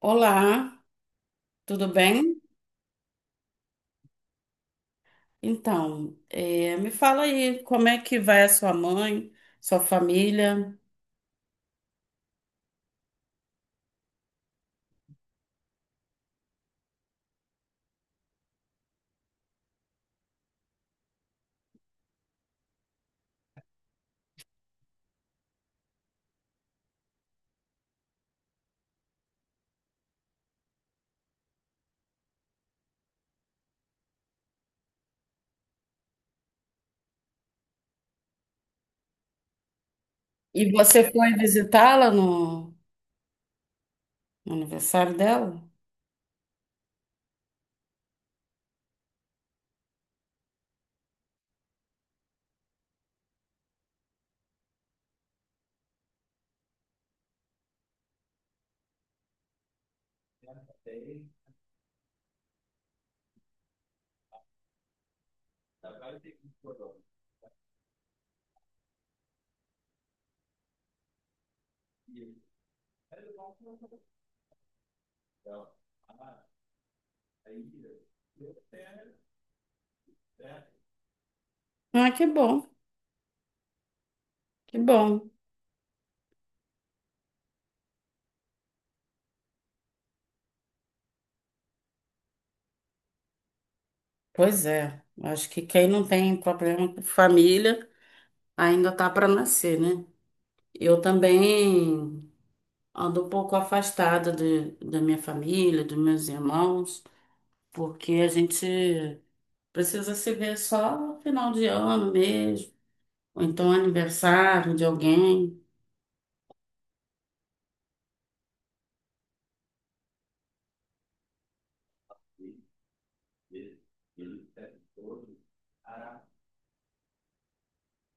Olá, tudo bem? Então, me fala aí como é que vai a sua mãe, sua família? E você foi visitá-la no aniversário dela? Ah, que bom, que bom. Pois é, acho que quem não tem problema com família ainda tá para nascer, né? Eu também ando um pouco afastada da minha família, dos meus irmãos, porque a gente precisa se ver só no final de ano mesmo ou então aniversário de alguém.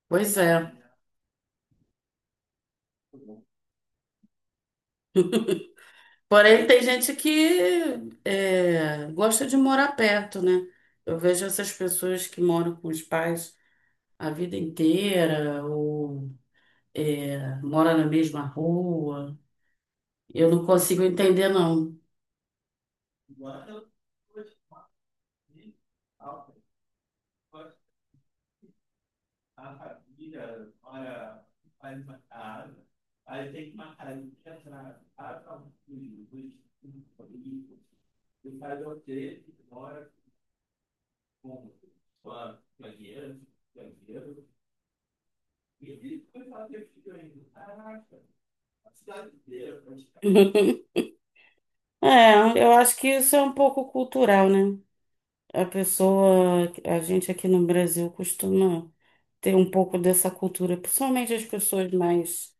Pois é. Porém, tem gente que gosta de morar perto, né? Eu vejo essas pessoas que moram com os pais a vida inteira ou moram na mesma rua. Eu não consigo entender, não. É, eu acho que isso é um pouco cultural, né? A pessoa, a gente aqui no Brasil costuma ter um pouco dessa cultura, principalmente as pessoas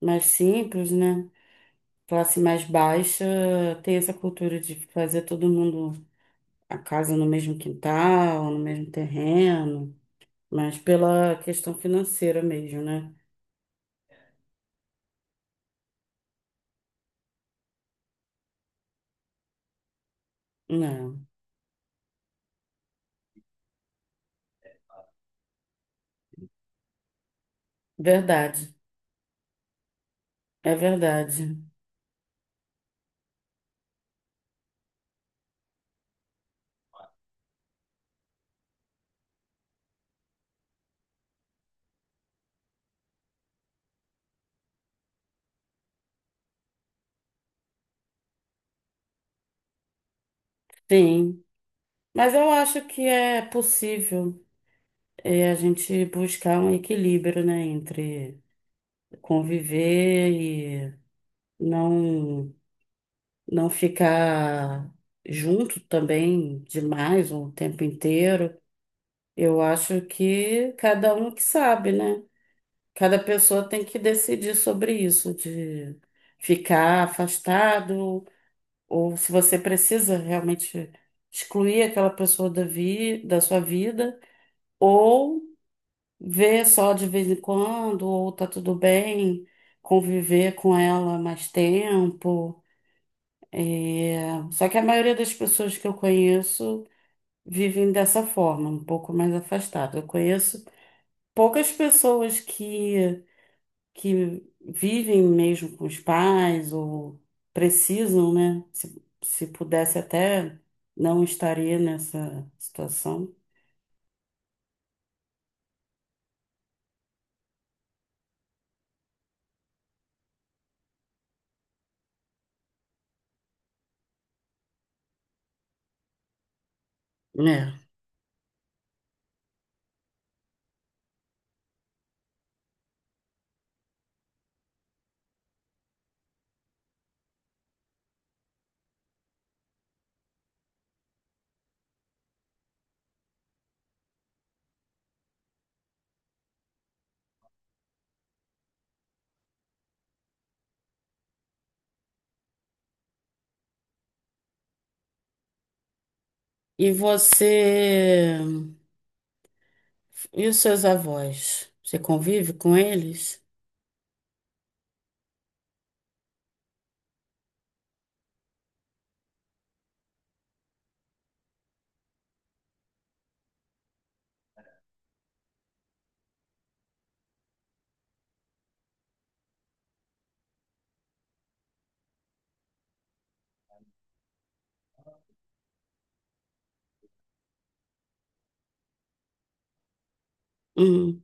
mais simples, né? Classe mais baixa tem essa cultura de fazer todo mundo a casa no mesmo quintal, no mesmo terreno, mas pela questão financeira mesmo, né? Não, verdade, é verdade. Sim, mas eu acho que é possível a gente buscar um equilíbrio, né, entre conviver e não não ficar junto também demais o tempo inteiro. Eu acho que cada um que sabe, né? Cada pessoa tem que decidir sobre isso, de ficar afastado, ou se você precisa realmente excluir aquela pessoa da sua vida, ou ver só de vez em quando, ou tá tudo bem, conviver com ela mais tempo. É, só que a maioria das pessoas que eu conheço vivem dessa forma, um pouco mais afastada. Eu conheço poucas pessoas que vivem mesmo com os pais ou precisam, né? Se pudesse até não estaria nessa situação, né? E você e os seus avós? Você convive com eles? Hum,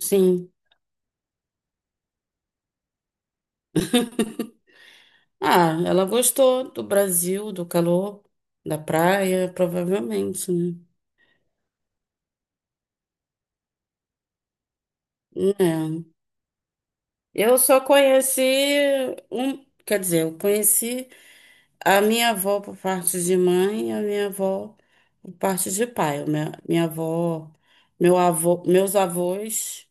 sim. Ah, ela gostou do Brasil, do calor, da praia, provavelmente, né? É. Eu só conheci um, quer dizer, eu conheci a minha avó por parte de mãe, a minha avó por parte de pai. O minha avó, meu avô, meus avós,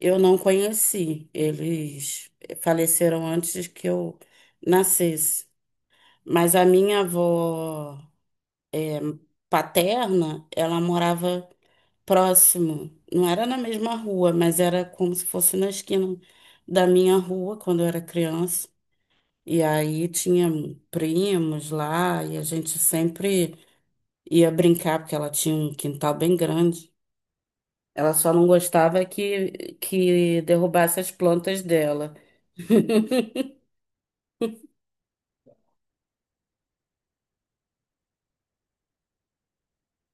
eu não conheci. Eles faleceram antes que eu nascesse. Mas a minha avó é, paterna, ela morava próximo. Não era na mesma rua, mas era como se fosse na esquina da minha rua quando eu era criança. E aí tinha primos lá e a gente sempre ia brincar, porque ela tinha um quintal bem grande. Ela só não gostava que derrubasse as plantas dela.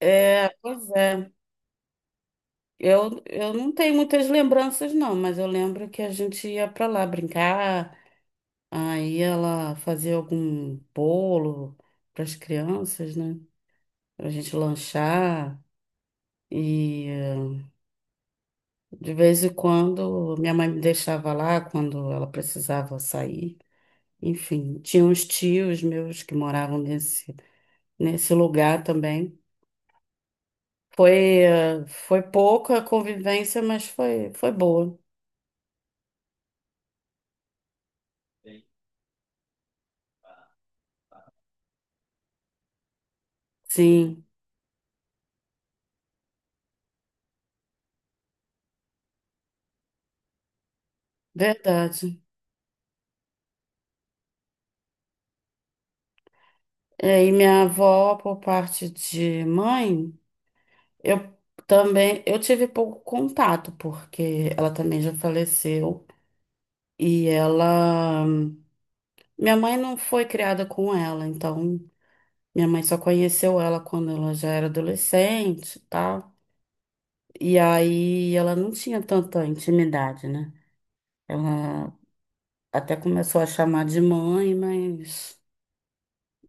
É, pois é. Eu não tenho muitas lembranças, não, mas eu lembro que a gente ia pra lá brincar, aí ela fazia algum bolo para as crianças, né? Pra gente lanchar. E. eh, De vez em quando, minha mãe me deixava lá quando ela precisava sair. Enfim, tinha uns tios meus que moravam nesse lugar também. Foi, Foi pouca convivência, mas foi boa. Sim, verdade. E minha avó, por parte de mãe, eu também, eu tive pouco contato, porque ela também já faleceu. E ela, minha mãe não foi criada com ela, então minha mãe só conheceu ela quando ela já era adolescente e tal. E aí ela não tinha tanta intimidade, né? Ela até começou a chamar de mãe, mas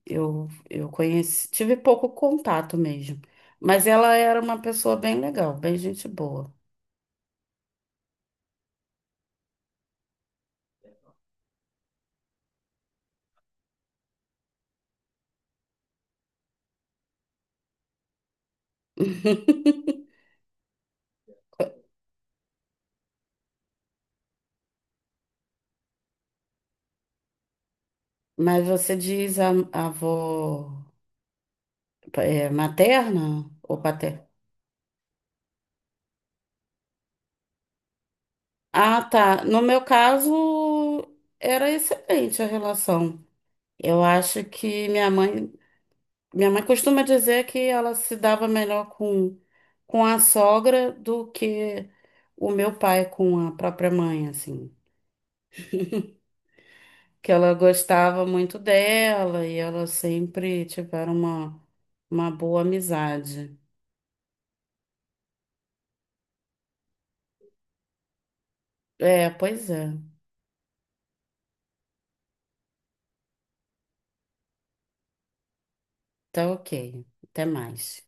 eu conheci, tive pouco contato mesmo. Mas ela era uma pessoa bem legal, bem gente boa. Mas você diz a avó materna ou paterna? Ah, tá. No meu caso, era excelente a relação. Eu acho que minha mãe costuma dizer que ela se dava melhor com a sogra do que o meu pai com a própria mãe, assim. Que ela gostava muito dela e elas sempre tiveram uma boa amizade. É, pois é. Tá ok. Até mais.